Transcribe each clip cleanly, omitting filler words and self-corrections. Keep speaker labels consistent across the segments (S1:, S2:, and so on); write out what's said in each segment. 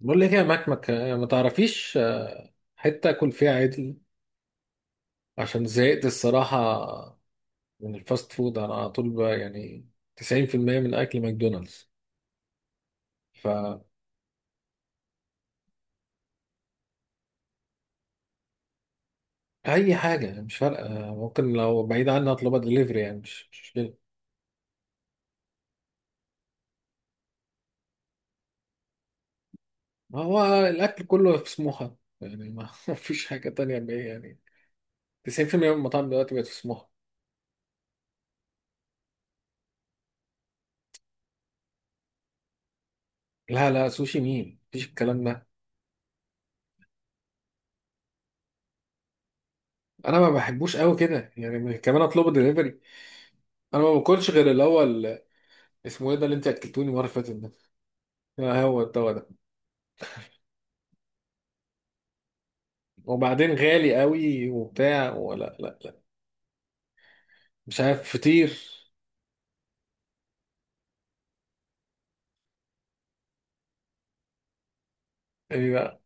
S1: بقول لك إيه يا مكمك، ما تعرفيش. حتة اكل فيها عدل عشان زهقت الصراحة من الفاست فود، انا على طول بقى يعني 90% من اكل ماكدونالدز. فأي حاجة مش فارقة، ممكن لو بعيد عنها اطلبها دليفري، يعني مش مشكلة. ما هو الاكل كله في سموحة، يعني ما ما فيش حاجة تانية بقى يعني. 90% من المطاعم دلوقتي بقت في سموحة. لا لا، سوشي مين؟ مفيش الكلام ده. انا ما بحبوش قوي كده يعني، كمان اطلبه دليفري. انا ما باكلش غير الاول. اسمه ايه ده اللي انت اكلتوني المره اللي فاتت ده؟ آه، هو الدواء ده. وبعدين غالي قوي وبتاع، ولا لا لا. مش عارف، فطير. ايه بقى؟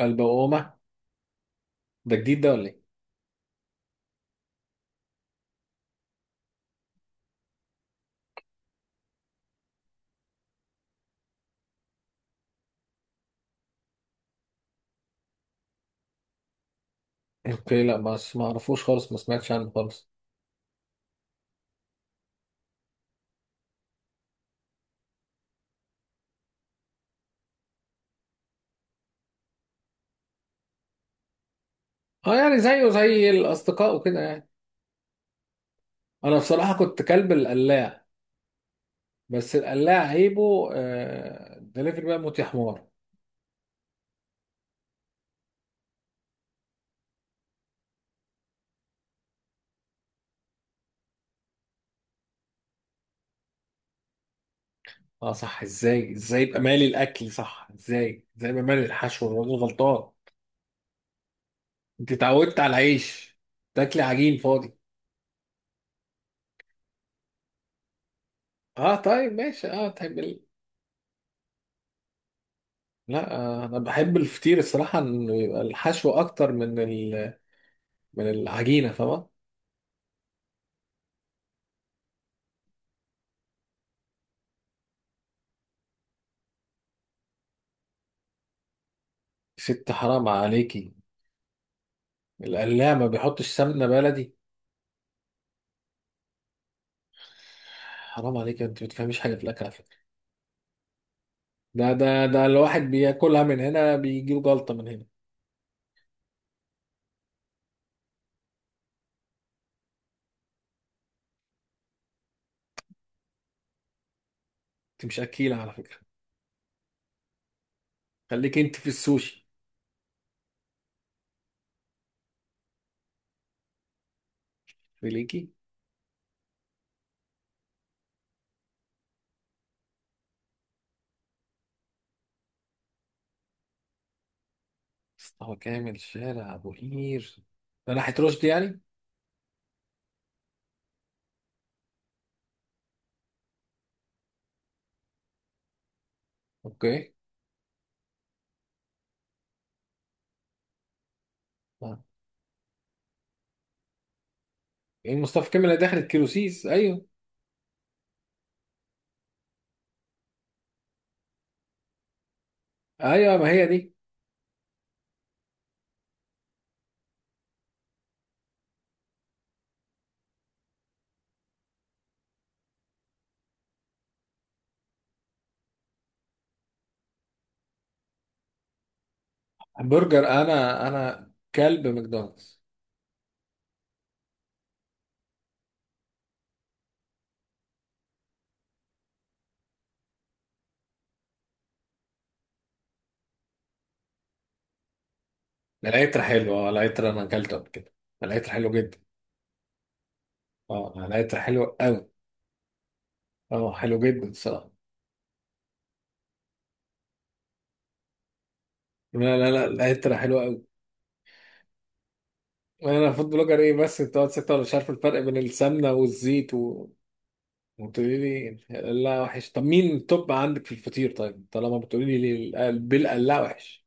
S1: البقومه ده جديد ده ولا ايه؟ اوكي، لا، ما اعرفوش خالص، ما سمعتش عنه خالص. اه، يعني زيه زي الاصدقاء وكده يعني. انا بصراحه كنت كلب القلاع. بس القلاع عيبه، دليفري بقى موت يا حمار. اه صح، ازاي ازاي يبقى مالي الاكل، صح ازاي ازاي يبقى مالي الحشو؟ الراجل غلطان. انت اتعودت على العيش، تاكلي عجين فاضي. اه، طيب ماشي. اه، تحب لا، انا بحب الفطير الصراحه، انه يبقى الحشو اكتر من من العجينه، فاهمه؟ ست، حرام عليكي، القلاع ما بيحطش سمنه بلدي؟ حرام عليك، انت ما بتفهميش حاجه في الاكل على فكره. ده الواحد بياكلها من هنا بيجيله جلطه من هنا. انت مش اكيله على فكره. خليكي انت في السوشي، خليكي. مصطفى كامل شارع ابو قير، ده ناحيه رشدي يعني. اوكي. آه. ايه مصطفى كامل اللي دخلت كيلو سيس، ايوه ايوه، ما هي دي. برجر، انا كلب ماكدونالدز. العطر حلو، اه العطر انا اكلته قبل كده، العطر حلو جدا. اه العطر حلو قوي. اه حلو جدا الصراحه. لا لا لا، العطر حلو قوي. انا فود بلوجر ايه، بس انت قاعد ستة ولا، مش عارف الفرق بين السمنه والزيت و... وتقولي لي؟ لا وحش. طب مين التوب عندك في الفطير، طيب، طالما بتقولي لي بالقلاع وحش؟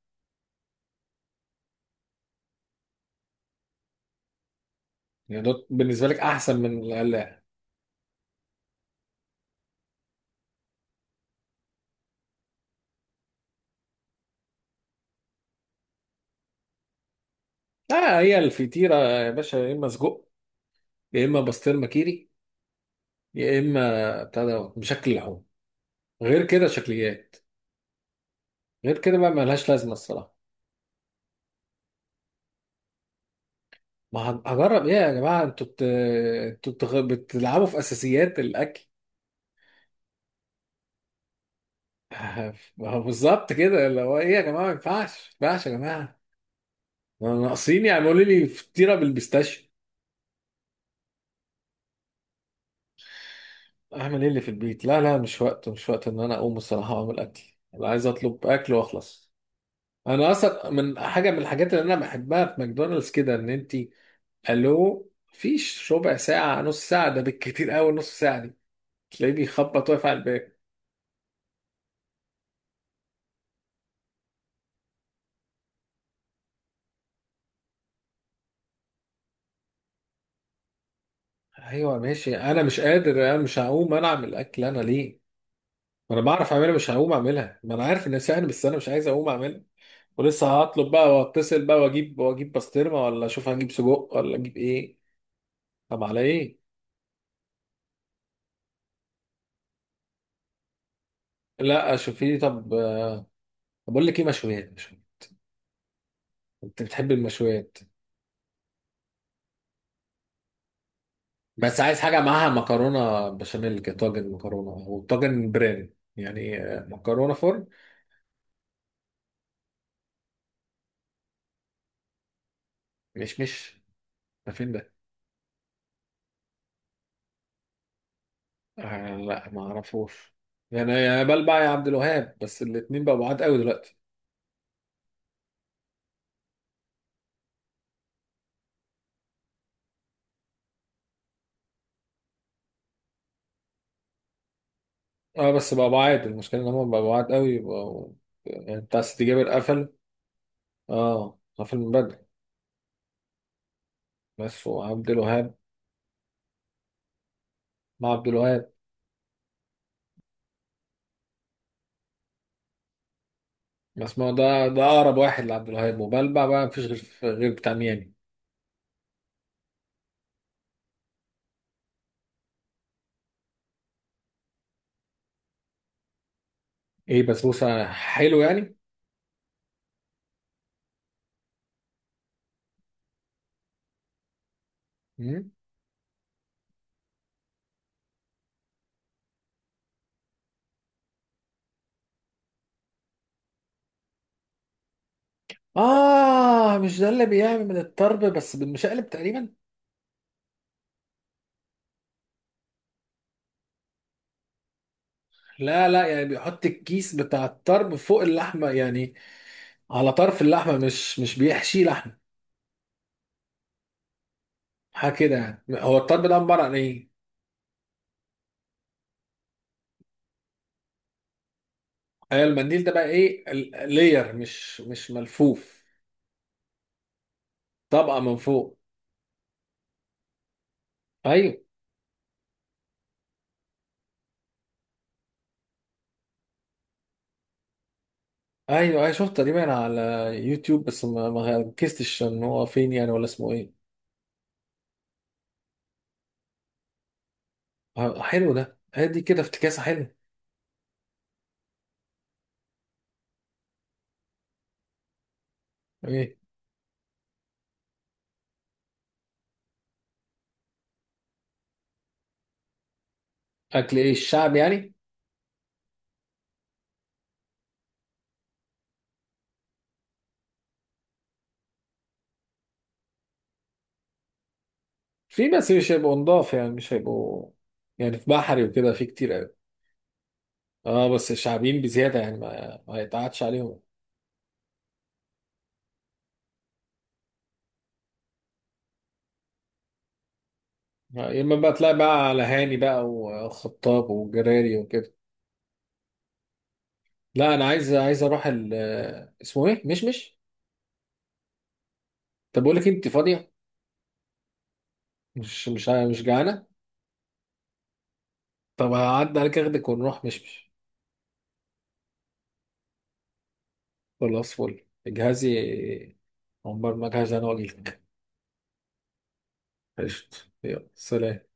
S1: يعني ده بالنسبه لك احسن من القلاع؟ لا، هي الفطيره يا باشا يا اما سجق، يا اما بسطرمه كيري، يا اما بتاع ده بشكل لحوم. غير كده شكليات. غير كده بقى، ملهاش لازمه الصراحه. ما هن- هجرب ايه يا جماعه؟ انتوا بت... انتوا بتغ... بتلعبوا في اساسيات الاكل. ما هو بالظبط كده، اللي هو ايه يا جماعه، ما ينفعش ما ينفعش يا جماعه. ما ناقصين يعملوا لي فطيره بالبيستاشيو. اعمل ايه اللي في البيت؟ لا لا، مش وقت، مش وقت ان انا اقوم الصراحه واعمل اكل. انا عايز اطلب اكل واخلص. انا اصلا من حاجه من الحاجات اللي انا بحبها في ماكدونالدز كده، ان انت قال له فيش ربع ساعة، نص ساعة، ده بالكتير قوي نص ساعة دي، تلاقيه بيخبط واقف على الباب. ايوه ماشي. انا مش قادر، انا مش هقوم انا اعمل اكل، انا ليه؟ ما انا بعرف اعملها، مش هقوم اعملها، ما انا عارف انها سهل، بس انا مش عايز اقوم اعملها. ولسه هطلب بقى واتصل بقى واجيب بسطرمه، ولا اشوف هجيب سجق ولا اجيب ايه. طب على ايه؟ لا شوفي طب. بقول لك ايه، مشويات مشويات. انت بتحب المشويات؟ بس عايز حاجة معاها مكرونة بشاميل كده، طاجن مكرونة أو طاجن برين، يعني مكرونة فرن. مش ده فين ده؟ آه، لا ما أعرفوش. يعني يا بلبع يا عبد الوهاب، بس الاتنين بقوا بعاد قوي دلوقتي. اه بس بقوا بعاد، المشكلة إن هما بقوا بعاد قوي بقوا. يعني بتاع ستي جابر قفل. اه قفل من بدري. بس وعبد الوهاب، مع عبد الوهاب. بس ما هو ده أقرب واحد لعبد الوهاب وبلبع بقى، مفيش غير بتاع ميامي. إيه بسبوسة، حلو يعني؟ مم. آه، مش ده اللي بيعمل من الطرب، بس بالمشقلب تقريبا؟ لا لا، يعني بيحط الكيس بتاع الطرب فوق اللحمة، يعني على طرف اللحمة، مش بيحشي لحمة حاجة كده يعني. هو الطرب ده عبارة عن إيه؟ أيوة، المنديل ده بقى إيه؟ لير، مش ملفوف. طبقة من فوق. أيوة أيوة أيوة، شفت تقريبا على يوتيوب، بس ما ركزتش إن هو فين يعني، ولا اسمه إيه. آه، حلو ده، هدي كده افتكاسة حلوة. إيه أكل إيه الشعب يعني. في، بس مش هيبقوا نضاف يعني، مش هيبقوا يعني، في بحري وكده في كتير قوي. اه بس شعبيين بزياده يعني، ما يتقعدش عليهم. يا اما بقى تلاقي بقى على هاني بقى وخطاب وجراري وكده. لا، انا عايز اروح ال آه، اسمه ايه؟ مشمش. طب بقول لك إيه، انت فاضيه؟ مش جعانه؟ طب هعدي عليك اخدك ونروح مشمش. خلاص فل، اجهزي. عمر ما اجهز انا واجيلك. قشطة، يلا سلام.